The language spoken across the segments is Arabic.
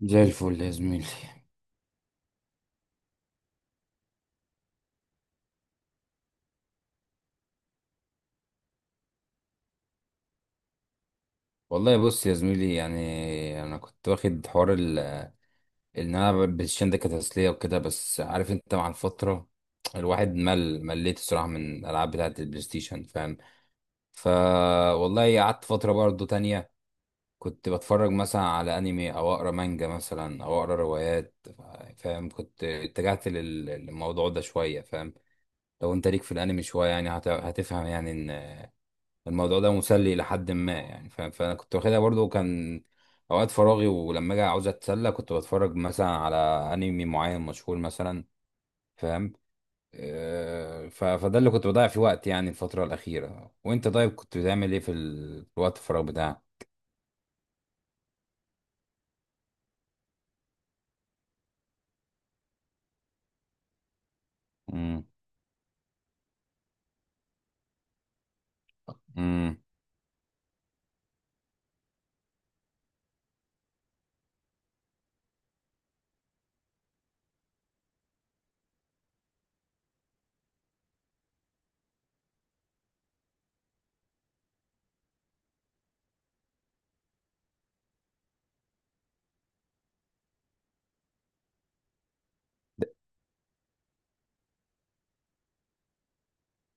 زي الفل يا زميلي. والله بص يا زميلي، يعني انا كنت واخد حوار ان انا بالشين ده كتسليه وكده، بس عارف انت مع الفتره الواحد مليت الصراحه من الالعاب بتاعه البلاي ستيشن، فاهم. ف والله قعدت فتره برضو تانية، كنت بتفرج مثلا على انمي او اقرا مانجا مثلا او اقرا روايات، فاهم. كنت اتجهت للموضوع ده شويه، فاهم. لو انت ليك في الانمي شويه، يعني هتفهم، يعني الموضوع ده مسلي لحد ما، يعني فانا كنت واخدها برضو كان اوقات فراغي، ولما اجي عاوز اتسلى كنت بتفرج مثلا على انمي معين مشهور مثلا، فاهم. فده اللي كنت بضيع فيه وقت يعني الفترة الأخيرة. وأنت طيب كنت بتعمل إيه في الوقت الفراغ بتاعك؟ امم. امم.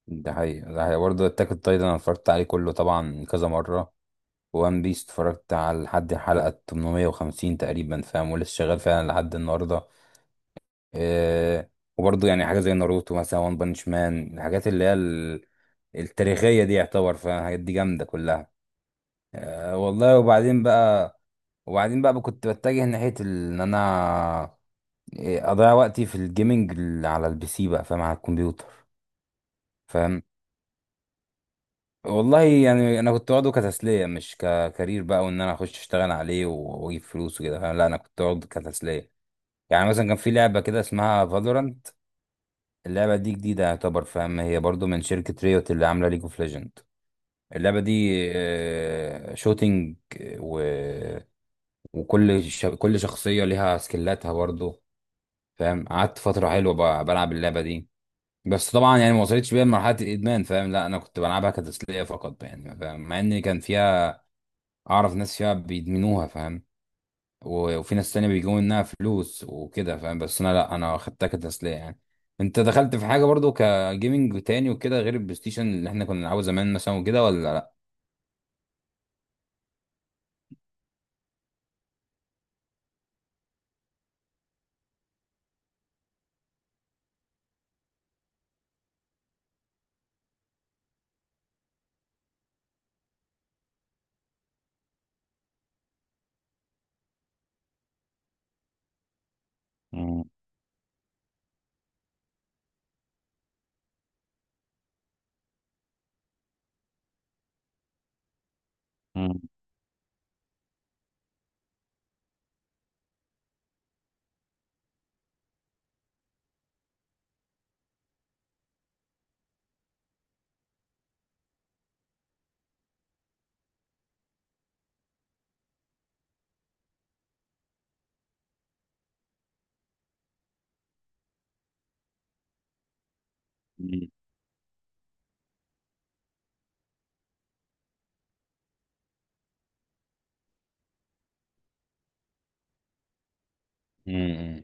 ده حقيقي، ده حقيقي برضه، أتاك أون تايتن أنا اتفرجت عليه كله طبعا كذا مرة، وان بيس اتفرجت على لحد الحلقة 850 تقريبا، فاهم، ولسه شغال فعلا لحد النهاردة. آه، وبرضه يعني حاجة زي ناروتو مثلا وان بانش مان، الحاجات اللي هي التاريخية دي يعتبر، فالحاجات دي جامدة كلها. آه، والله. وبعدين بقى، وبعدين بقى كنت بتجه ناحية ان انا اضيع وقتي في الجيمنج على البي سي بقى، فاهم، على الكمبيوتر. فاهم. والله يعني انا كنت واخده كتسلية مش ككارير بقى، وان انا اخش اشتغل عليه واجيب فلوس وكده، فاهم، لا انا كنت واخده كتسلية. يعني مثلا كان في لعبة كده اسمها فالورانت، اللعبة دي جديدة يعتبر، فاهم، هي برضو من شركة ريوت اللي عاملة ليج اوف ليجند. اللعبة دي شوتينج، و... وكل ش... كل شخصية ليها سكيلاتها برضو، فاهم. قعدت فترة حلوة بلعب اللعبة دي. بس طبعا يعني ما وصلتش بيها لمرحلة الإدمان، فاهم، لا أنا كنت بلعبها كتسلية فقط يعني، فاهم، مع إن كان فيها أعرف ناس فيها بيدمنوها، فاهم، وفي ناس تانية بيجيبوا منها فلوس وكده، فاهم، بس انا لا انا خدتها كتسلية يعني. انت دخلت في حاجة برضو كجيمنج تاني وكده غير البلاي ستيشن اللي احنا كنا بنلعبه زمان مثلا وكده، ولا لا؟ مم. مم. مم. امم.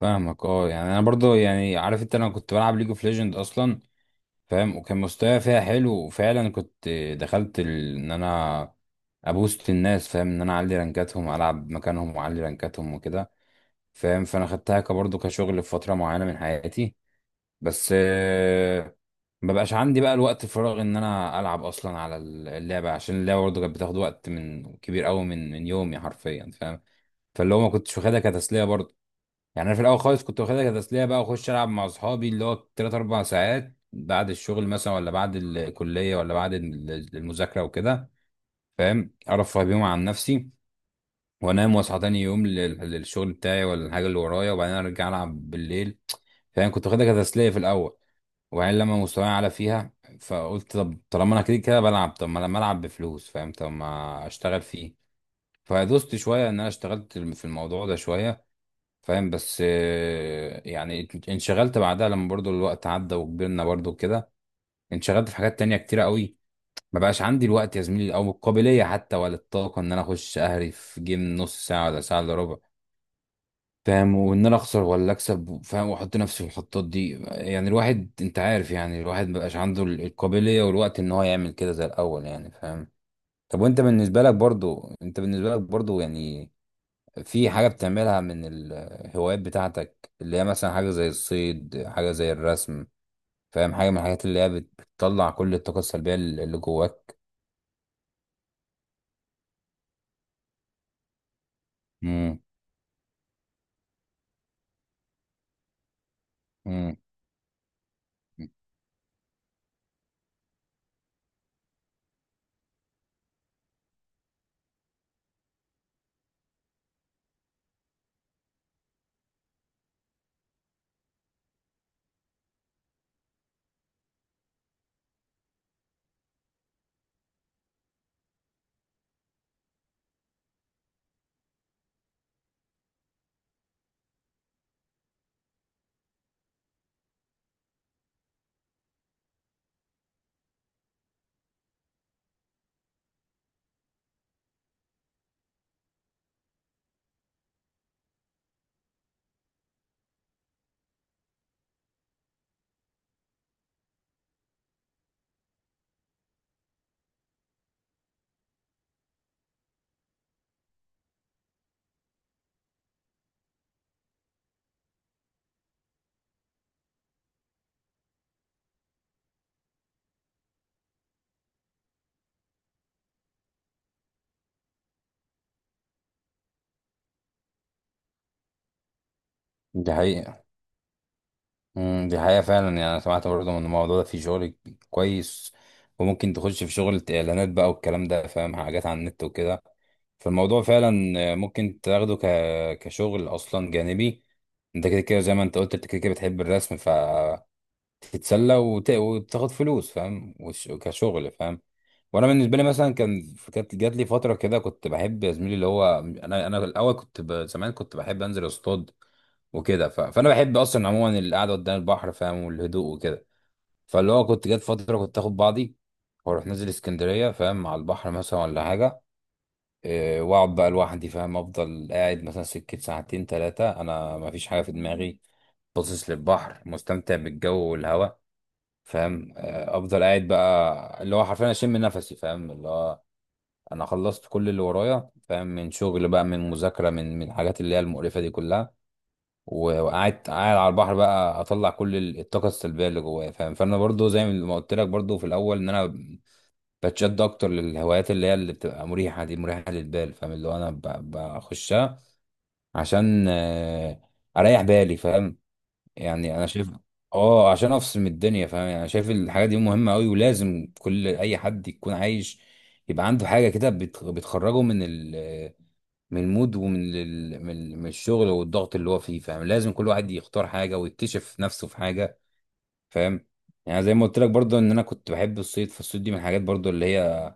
فاهمك، اه، يعني انا برضو، يعني عارف انت، انا كنت بلعب ليج اوف ليجند اصلا، فاهم، وكان مستواي فيها حلو وفعلا كنت دخلت ان انا ابوست الناس، فاهم، ان انا اعلي رانكاتهم العب مكانهم واعلي رانكاتهم وكده، فاهم، فانا خدتها كبرضو كشغل في فترة معينة من حياتي. بس ما بقاش عندي بقى الوقت الفراغ ان انا العب اصلا على اللعبه، عشان اللعبه برضه كانت بتاخد وقت من كبير قوي من يومي حرفيا، فاهم، فاللي هو ما كنتش واخدها كتسليه برضه. يعني انا في الاول خالص كنت واخدها كتسليه بقى، واخش العب مع اصحابي اللي هو 3 4 ساعات بعد الشغل مثلا ولا بعد الكليه ولا بعد المذاكره وكده، فاهم، ارفه بيهم عن نفسي، وانام واصحى تاني يوم للشغل بتاعي ولا الحاجه اللي ورايا، وبعدين ارجع العب بالليل، فاهم. كنت واخدها كتسليه في الاول، وبعدين لما مستواي اعلى فيها فقلت طب طالما انا كده كده بلعب، طب ما لما العب بفلوس، فاهم، طب ما اشتغل فيه، فدوست شويه ان انا اشتغلت في الموضوع ده شويه، فاهم. بس يعني انشغلت بعدها، لما برضو الوقت عدى وكبرنا برضو كده، انشغلت في حاجات تانية كتيرة قوي، ما بقاش عندي الوقت يا زميلي او القابليه حتى ولا الطاقه ان انا اخش اهري في جيم نص ساعه ولا ساعه الا ربع، فاهم، وان انا اخسر ولا اكسب، فاهم، واحط نفسي في الحطات دي، يعني الواحد انت عارف، يعني الواحد مبقاش عنده القابليه والوقت ان هو يعمل كده زي الاول يعني، فاهم. طب وانت بالنسبه لك برضو يعني في حاجه بتعملها من الهوايات بتاعتك، اللي هي مثلا حاجه زي الصيد، حاجه زي الرسم، فاهم، حاجه من الحاجات اللي هي بتطلع كل الطاقه السلبيه اللي جواك؟ امم. امم. ده حقيقة. امم. دي حقيقة فعلا، يعني أنا سمعت برضه من الموضوع ده في شغل كويس، وممكن تخش في شغل إعلانات بقى والكلام ده، فاهم، حاجات على النت وكده، فالموضوع فعلا ممكن تاخده كشغل أصلا جانبي. أنت كده كده زي ما أنت قلت، أنت كده كده بتحب الرسم فتتسلى، وتاخد فلوس، فاهم، كشغل، فاهم. وانا بالنسبه لي مثلا كانت جات لي فتره كده، كنت بحب يا زميلي اللي هو انا، الاول كنت زمان كنت بحب انزل اصطاد وكده، فانا بحب اصلا عموما القعده قدام البحر، فاهم، والهدوء وكده. فاللي هو كنت جات فتره كنت اخد بعضي واروح نازل اسكندريه، فاهم، على البحر مثلا ولا حاجه. واقعد بقى لوحدي، فاهم، افضل قاعد مثلا سكه ساعتين ثلاثه، انا ما فيش حاجه في دماغي، باصص للبحر، مستمتع بالجو والهواء، فاهم. افضل قاعد بقى اللي هو حرفيا اشم نفسي، فاهم، اللي هو انا خلصت كل اللي ورايا، فاهم، من شغل بقى، من مذاكره، من الحاجات اللي هي المقرفه دي كلها، وقعدت قاعد على البحر بقى، اطلع كل الطاقه السلبيه اللي جوايا، فاهم. فانا برضو زي ما قلت لك برضو في الاول، ان انا بتشد اكتر للهوايات اللي هي اللي بتبقى مريحه، دي مريحه للبال، فاهم، اللي هو انا بخشها عشان اريح بالي، فاهم. يعني انا شايف، اه، عشان افصل من الدنيا، فاهم، يعني انا شايف الحاجه دي مهمه قوي، ولازم كل اي حد يكون عايش يبقى عنده حاجه كده بتخرجه من المود، ومن ال من ال- من الشغل والضغط اللي هو فيه، فاهم. لازم كل واحد يختار حاجه ويكتشف نفسه في حاجه، فاهم. يعني زي ما قلت لك برضه ان انا كنت بحب الصيد، فالصيد دي من الحاجات برضه اللي هي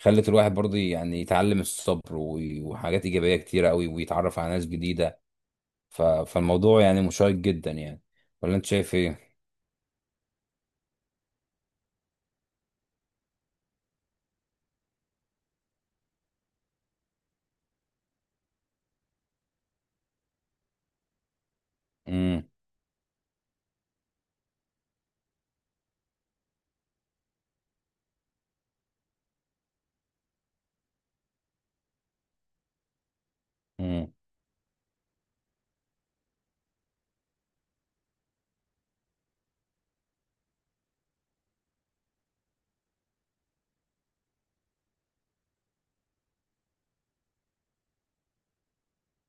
خلت الواحد برضه يعني يتعلم الصبر وحاجات ايجابيه كتيره قوي، ويتعرف على ناس جديده، فالموضوع يعني مشوق جدا يعني، ولا انت شايف ايه؟ امم. امم.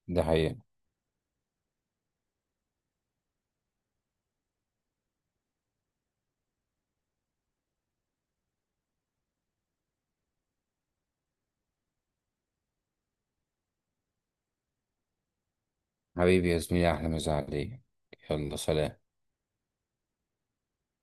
ده حقيقة. حبيبي يا زميلي، أحلى مسا عليك، يلا سلام.